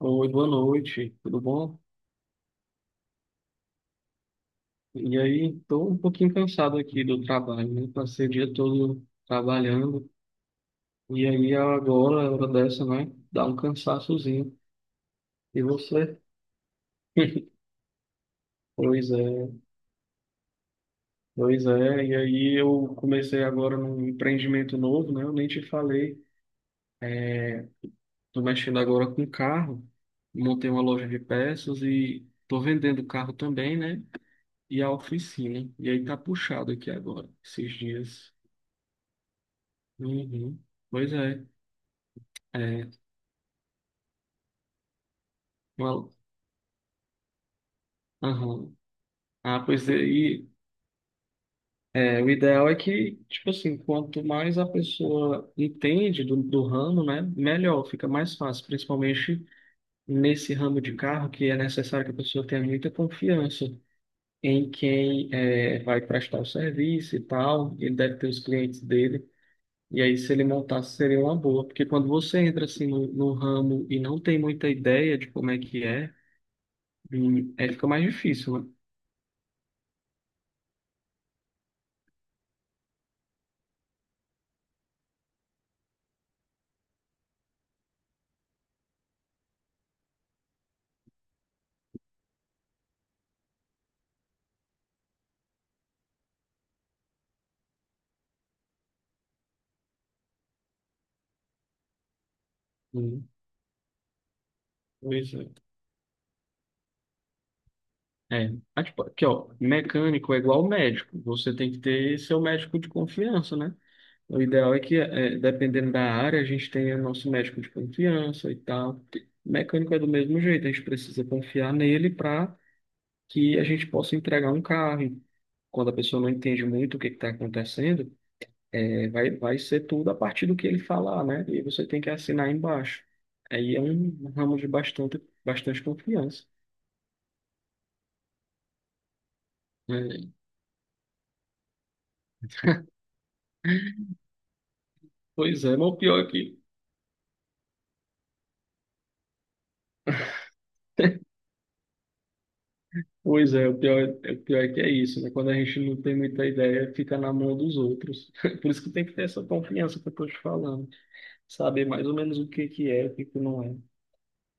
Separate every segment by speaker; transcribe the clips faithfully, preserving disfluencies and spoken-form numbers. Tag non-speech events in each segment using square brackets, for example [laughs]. Speaker 1: Oi, boa noite, tudo bom? E aí, estou um pouquinho cansado aqui do trabalho, né? Passei o dia todo trabalhando, e aí agora, a hora dessa, né? Dá um cansaçozinho. E você? [laughs] Pois é, pois é. E aí eu comecei agora num empreendimento novo, né? Eu nem te falei. Tô mexendo agora com carro, montei uma loja de peças e tô vendendo carro também, né? E a oficina. E aí tá puxado aqui agora, esses dias. Uhum. Pois é. É, uma- aham. Ah, pois é, e é, o ideal é que, tipo assim, quanto mais a pessoa entende do, do ramo, né, melhor, fica mais fácil, principalmente nesse ramo de carro, que é necessário que a pessoa tenha muita confiança em quem é, vai prestar o serviço e tal, ele deve ter os clientes dele, e aí se ele montasse seria uma boa, porque quando você entra assim no, no ramo e não tem muita ideia de como é que é, hum, aí fica mais difícil, né? Hum, pois é. É, ah, tipo, aqui ó, mecânico é igual médico, você tem que ter seu médico de confiança, né? O ideal é que, é, dependendo da área, a gente tenha nosso médico de confiança e tal. Mecânico é do mesmo jeito, a gente precisa confiar nele para que a gente possa entregar um carro. Quando a pessoa não entende muito o que está acontecendo, é, vai, vai ser tudo a partir do que ele falar, né? E você tem que assinar embaixo. Aí é um ramo de bastante, bastante confiança. É, pois é, mas o pior é que. [laughs] Pois é, o pior, é- o pior é que é isso, né? Quando a gente não tem muita ideia, fica na mão dos outros. [laughs] Por isso que tem que ter essa confiança que eu estou te falando, saber mais ou menos o que que é, o que que não é.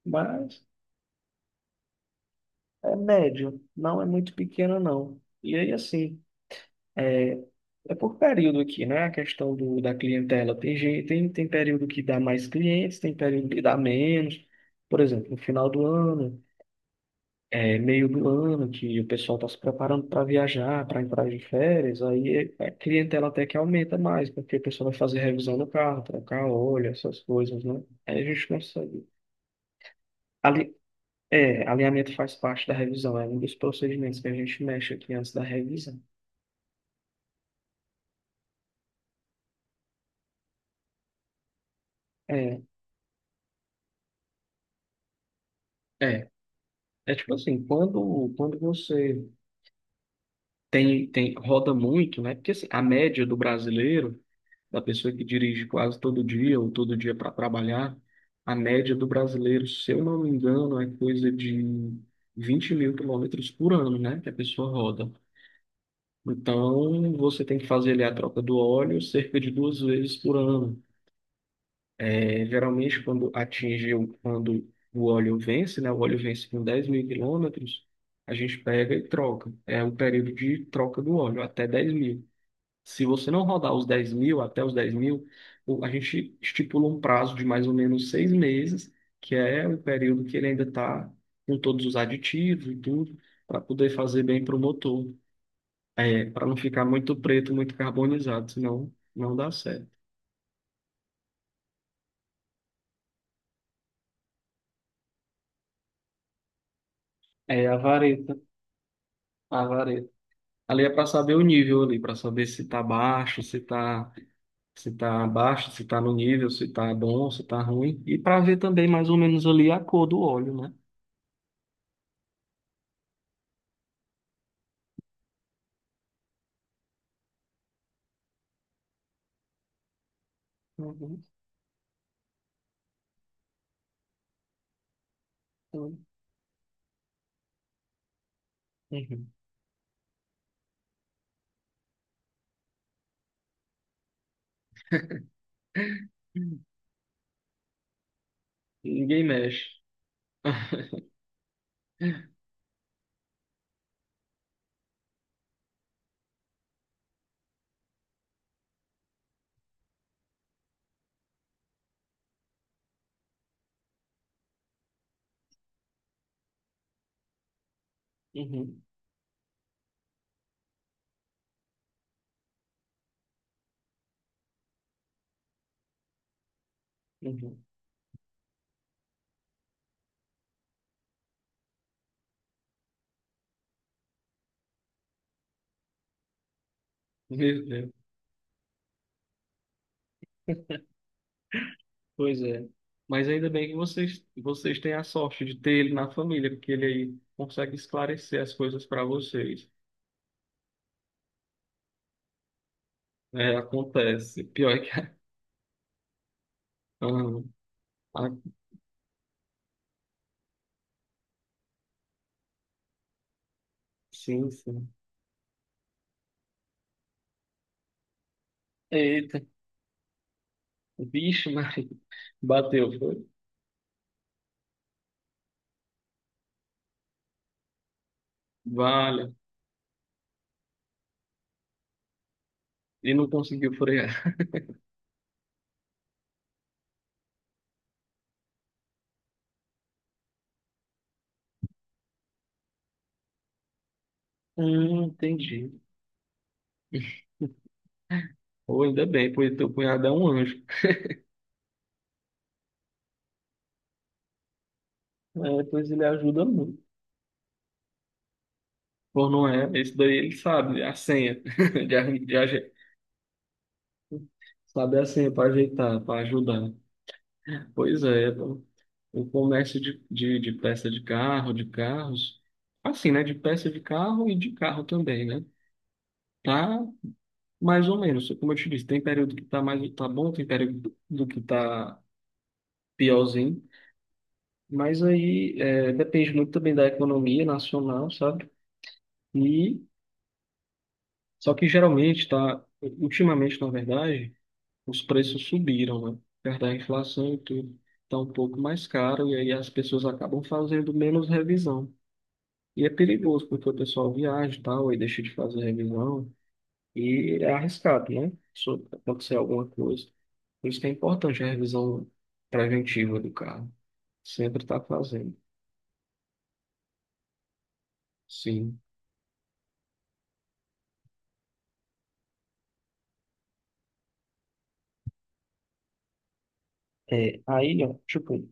Speaker 1: Mas é médio, não é muito pequeno, não. E aí, assim, é, é por período aqui, né? A questão do, da clientela. Tem gente, tem, tem período que dá mais clientes, tem período que dá menos. Por exemplo, no final do ano. É meio do ano que o pessoal está se preparando para viajar, para entrar de férias, aí a clientela até que aumenta mais, porque o pessoal vai fazer revisão do carro, trocar óleo, essas coisas, né? Aí a gente consegue. Ali, é, alinhamento faz parte da revisão, é um dos procedimentos que a gente mexe aqui antes da revisão. É, é. É tipo assim, quando, quando você tem, tem, roda muito, né? Porque assim, a média do brasileiro, da pessoa que dirige quase todo dia ou todo dia para trabalhar, a média do brasileiro, se eu não me engano, é coisa de vinte mil quilômetros por ano, né? Que a pessoa roda. Então, você tem que fazer ali a troca do óleo cerca de duas vezes por ano. É, geralmente, quando atinge, o- quando o óleo vence, né? O óleo vence com dez mil quilômetros, a gente pega e troca. É o período de troca do óleo, até dez mil. Se você não rodar os dez mil, até os dez mil, o- a gente estipula um prazo de mais ou menos seis meses, que é o período que ele ainda está com todos os aditivos e tudo, para poder fazer bem para o motor. É, para não ficar muito preto, muito carbonizado, senão não dá certo. É a vareta, a vareta. Ali é para saber o nível ali, para saber se tá baixo, se tá, se tá baixo, se tá no nível, se tá bom, se tá ruim. E para ver também mais ou menos ali a cor do óleo, né? Uhum. Uhum. Ninguém mexe. [laughs] Uhum, uhum. Meu Deus. Pois é. Mas ainda bem que vocês, vocês têm a sorte de ter ele na família, porque ele aí consegue esclarecer as coisas para vocês. É, acontece. Pior é que. [laughs] Ah, ah, sim, sim. Eita, vixe, Maria. Bateu, foi? Vale. E não conseguiu frear. Hum, entendi. Ou ainda bem, pois teu cunhado é um anjo. É, pois ele ajuda muito. Pô, não é. Esse daí ele sabe a senha. [laughs] De, arran- de, aje- sabe a senha para ajeitar, para ajudar. Pois é, pô. O comércio de, de, de peça de carro, de carros, assim, né? De peça de carro e de carro também, né? Tá mais ou menos. Como eu te disse, tem período que tá mais tá bom, tem período do que tá piorzinho. Mas aí é, depende muito também da economia nacional, sabe? E só que geralmente tá, ultimamente, na verdade, os preços subiram, né? Perto da inflação e tudo. Está um pouco mais caro e aí as pessoas acabam fazendo menos revisão. E é perigoso, porque o pessoal viaja e tal, e deixa de fazer revisão. E é arriscado, né? Se acontecer alguma coisa. Por isso que é importante a revisão preventiva do carro. Sempre está fazendo. Sim. É, aí, ó, tipo,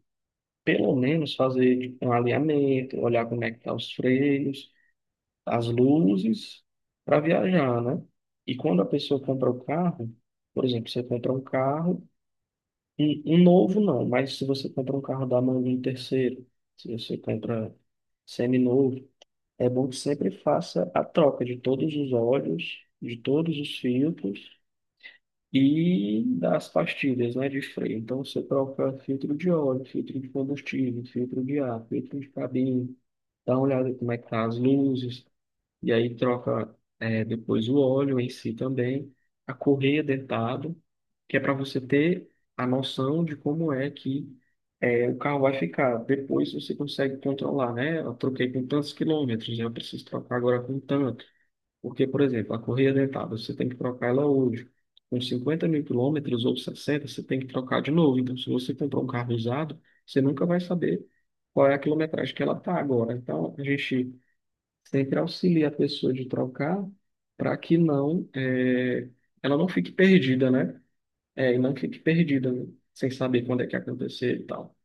Speaker 1: pelo menos fazer tipo, um alinhamento, olhar como é que tá os freios, as luzes, para viajar, né? E quando a pessoa compra o carro, por exemplo, você compra um carro, um, um novo não, mas se você compra um carro da mão de um terceiro, se você compra seminovo, é bom que sempre faça a troca de todos os óleos, de todos os filtros e das pastilhas, né, de freio. Então você troca filtro de óleo, filtro de combustível, filtro de ar, filtro de cabine, dá uma olhada como é que tá as luzes, e aí troca é, depois o óleo em si também, a correia dentada, que é para você ter a noção de como é que é, o carro vai ficar. Depois você consegue controlar, né? Eu troquei com tantos quilômetros, né? Eu preciso trocar agora com tanto. Porque, por exemplo, a correia dentada, você tem que trocar ela hoje. Com cinquenta mil quilômetros ou sessenta você tem que trocar de novo. Então, se você comprar um carro usado, você nunca vai saber qual é a quilometragem que ela está agora. Então, a gente sempre auxilia a pessoa de trocar para que não é, ela não fique perdida, né? É, e não fique perdida, né? Sem saber quando é que acontecer e tal.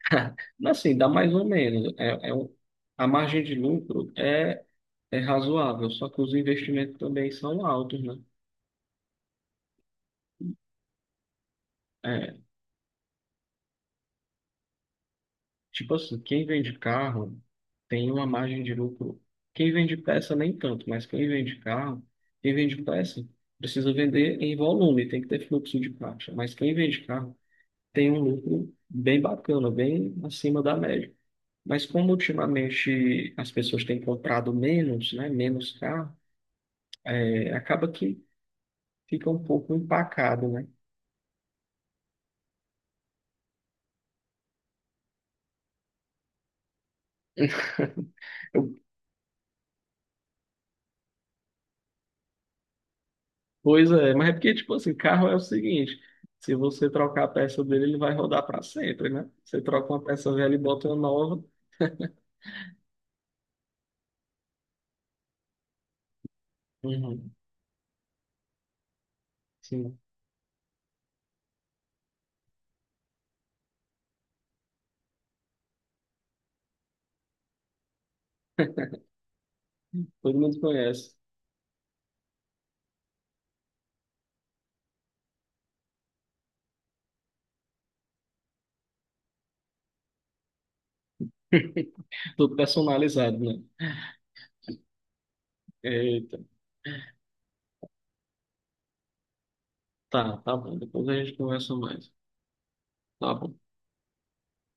Speaker 1: [laughs] Mas, assim, dá mais ou menos. É, é um, a margem de lucro é, é razoável, só que os investimentos também são altos, né? É, tipo assim, quem vende carro tem uma margem de lucro. Quem vende peça nem tanto, mas quem vende carro, quem vende peça precisa vender em volume, tem que ter fluxo de caixa. Mas quem vende carro tem um lucro bem bacana, bem acima da média. Mas como ultimamente as pessoas têm comprado menos, né, menos carro, é, acaba que fica um pouco empacado, né? [laughs] Pois é, mas é porque, tipo assim, carro é o seguinte, se você trocar a peça dele, ele vai rodar para sempre, né? Você troca uma peça velha e bota uma nova. Uhum, sim. Todo mundo conhece. [laughs] Tudo personalizado, né? Eita, tá, tá bom, depois a gente conversa mais. Tá bom.